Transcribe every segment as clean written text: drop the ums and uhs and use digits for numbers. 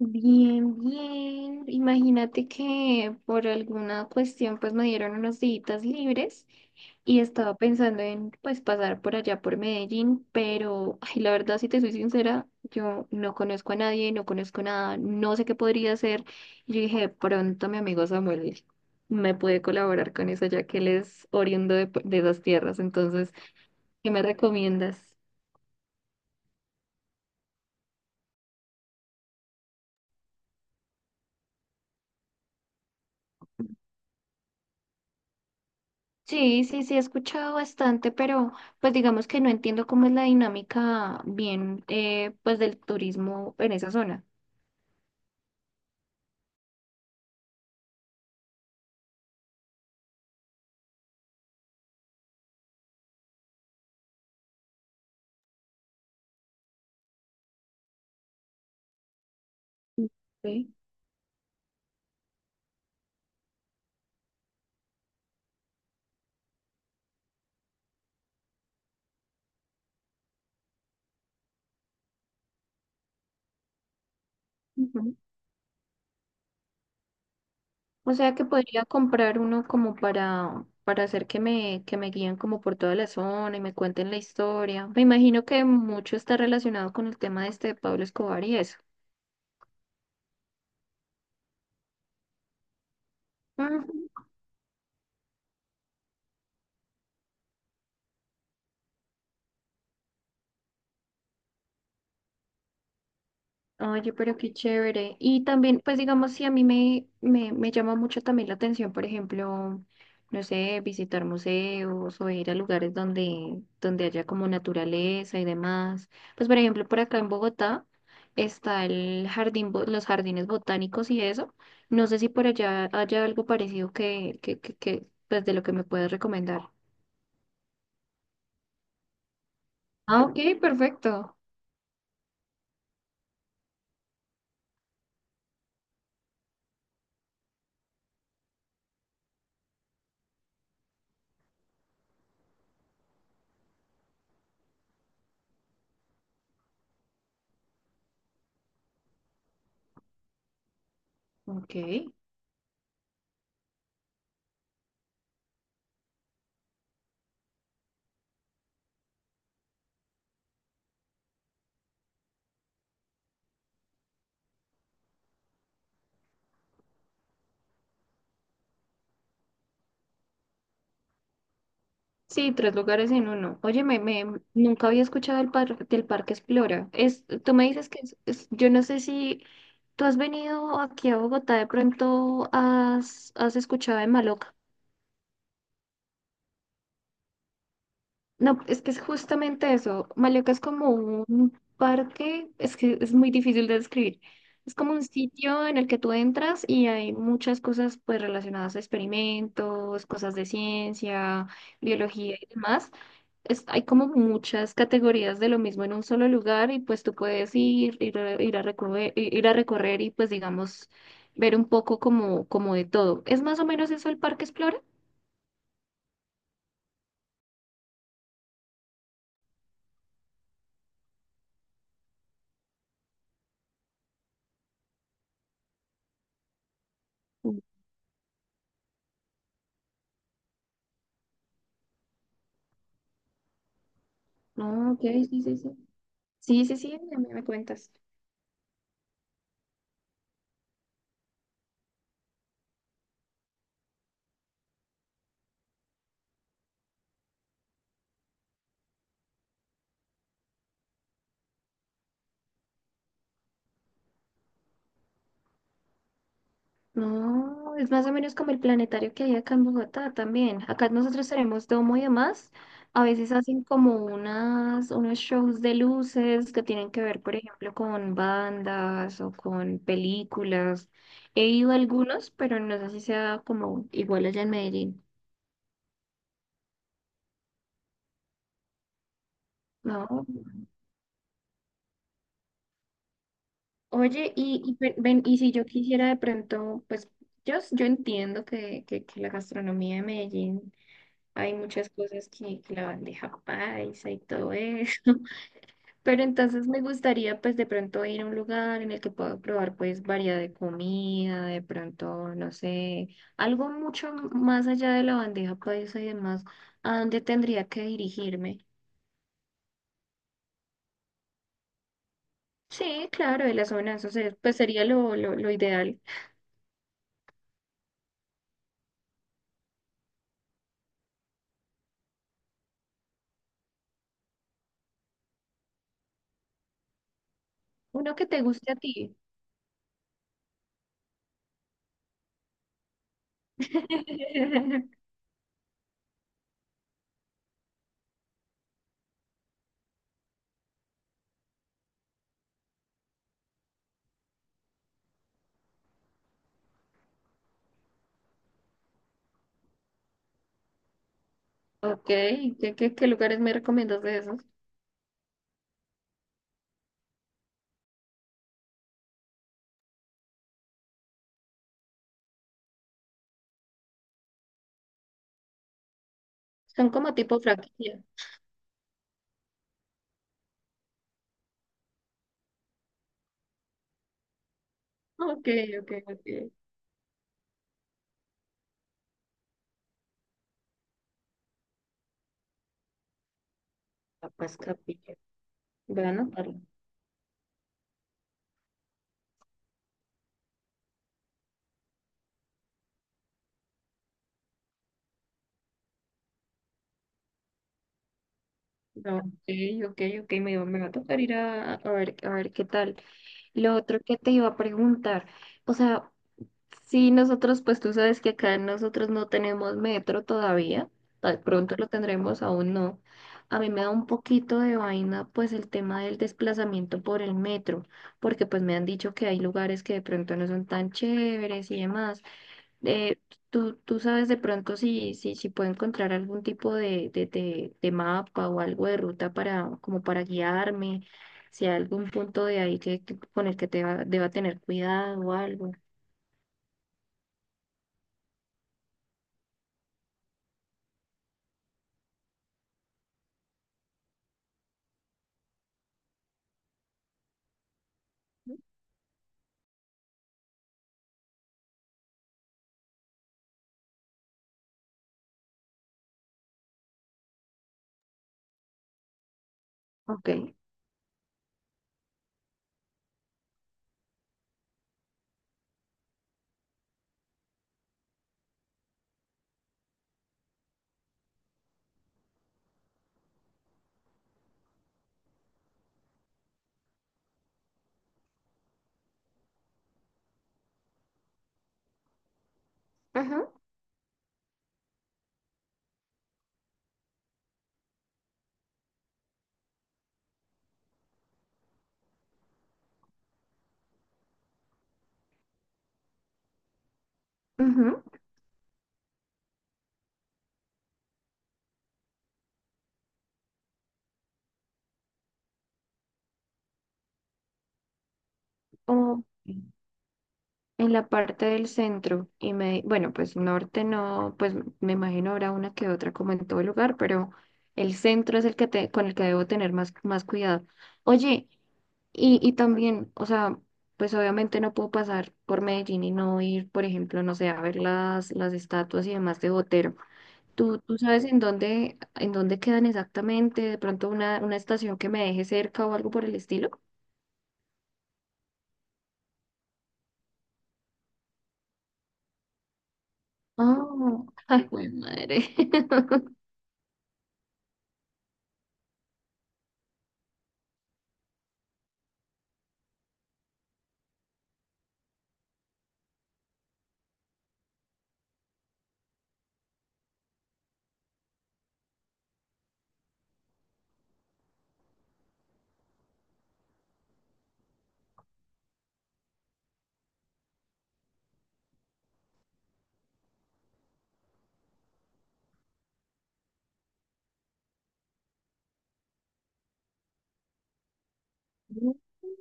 Bien, bien. Imagínate que por alguna cuestión pues me dieron unos días libres y estaba pensando en pues pasar por allá por Medellín, pero ay, la verdad si te soy sincera, yo no conozco a nadie, no conozco nada, no sé qué podría hacer. Y yo dije, pronto mi amigo Samuel me puede colaborar con eso ya que él es oriundo de esas tierras, entonces, ¿qué me recomiendas? Sí, sí, sí, he escuchado bastante, pero pues digamos que no entiendo cómo es la dinámica bien, pues del turismo en esa zona. Sí. Ujú. O sea que podría comprar uno como para hacer que me guíen como por toda la zona y me cuenten la historia. Me imagino que mucho está relacionado con el tema de este de Pablo Escobar y eso. Oye, pero qué chévere. Y también, pues digamos, si a mí me llama mucho también la atención, por ejemplo, no sé, visitar museos o ir a lugares donde haya como naturaleza y demás. Pues por ejemplo, por acá en Bogotá está el los jardines botánicos y eso. No sé si por allá haya algo parecido que, pues de lo que me puedes recomendar. Ah, ok, perfecto. Ok. Sí, tres lugares en uno. Oye, nunca había escuchado del Parque Explora. Es, tú me dices que yo no sé si tú has venido aquí a Bogotá, de pronto has, has escuchado de Maloca. No, es que es justamente eso. Maloca es como un parque, es que es muy difícil de describir. Es como un sitio en el que tú entras y hay muchas cosas pues relacionadas a experimentos, cosas de ciencia, biología y demás. Es- hay como muchas categorías de lo mismo en un solo lugar y pues tú puedes ir a recorrer y pues digamos ver un poco como, como de todo. ¿Es más o menos eso el Parque Explora? Mm. Ah, ok, sí, sí, sí. Sí, sí, sí, ya me cuentas. No, es más o menos como el planetario que hay acá en Bogotá también. Acá nosotros tenemos domo y demás. A veces hacen como unas, unos shows de luces que tienen que ver, por ejemplo, con bandas o con películas. He ido a algunos, pero no sé si sea como igual allá en Medellín. No. Oye, y si yo quisiera de pronto, pues yo, yo entiendo que la gastronomía de Medellín. Hay muchas cosas que la bandeja paisa y todo eso. Pero entonces me gustaría pues de pronto ir a un lugar en el que pueda probar pues variedad de comida, de pronto, no sé, algo mucho más allá de la bandeja paisa y demás, ¿a dónde tendría que dirigirme? Sí, claro, de la zona, pues sería lo ideal. Uno que te guste a ti. Ok, ¿ qué lugares me recomiendas de esos? Son como tipo franquicia. Ok, ok, ok. Capaz Capilla. Voy a anotarlo. No, ok, ok, ok, me va a tocar ir a ver qué tal. Lo otro que te iba a preguntar, o sea, si nosotros, pues tú sabes que acá nosotros no tenemos metro todavía, tal pronto lo tendremos, aún no. A mí me da un poquito de vaina, pues el tema del desplazamiento por el metro, porque pues me han dicho que hay lugares que de pronto no son tan chéveres y demás. eh, Tú, tú sabes de pronto si, si, si puedo encontrar algún tipo de mapa o algo de ruta para, como para guiarme, si hay algún punto de ahí que, con el que deba tener cuidado o algo. Ok. Ajá, ujú. O en la parte del centro, y me, bueno, pues norte no, pues me imagino habrá una que otra como en todo lugar, pero el centro es el que te, con el que debo tener más, más cuidado. Oye, y también, o sea, pues obviamente no puedo pasar por Medellín y no ir, por ejemplo, no sé, a ver las estatuas y demás de Botero. ¿Tú, tú sabes en dónde quedan exactamente? De pronto una estación que me deje cerca o algo por el estilo. Oh, ay, güey, madre.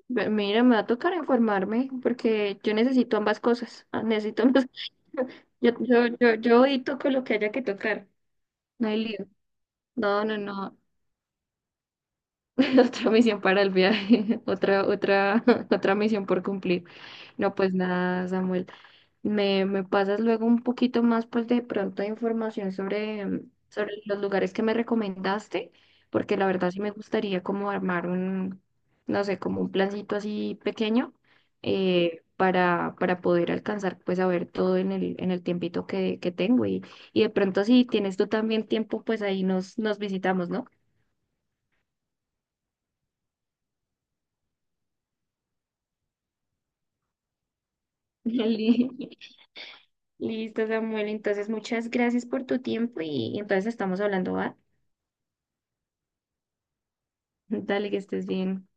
Ve- Mira, me va a tocar informarme porque yo necesito ambas cosas. Ah, necesito ambas. Yo edito con lo que haya que tocar. No hay lío. No, no, no. Otra misión para el viaje, otra misión por cumplir. No, pues nada, Samuel. Me pasas luego un poquito más, pues de pronto información sobre, sobre los lugares que me recomendaste, porque la verdad sí me gustaría como armar un, no sé, como un plancito así pequeño, para poder alcanzar, pues a ver todo en el tiempito que tengo. Y de pronto si tienes tú también tiempo, pues ahí nos, nos visitamos, ¿no? Dale. Listo, Samuel. Entonces, muchas gracias por tu tiempo y entonces estamos hablando, ¿va? Dale, que estés bien.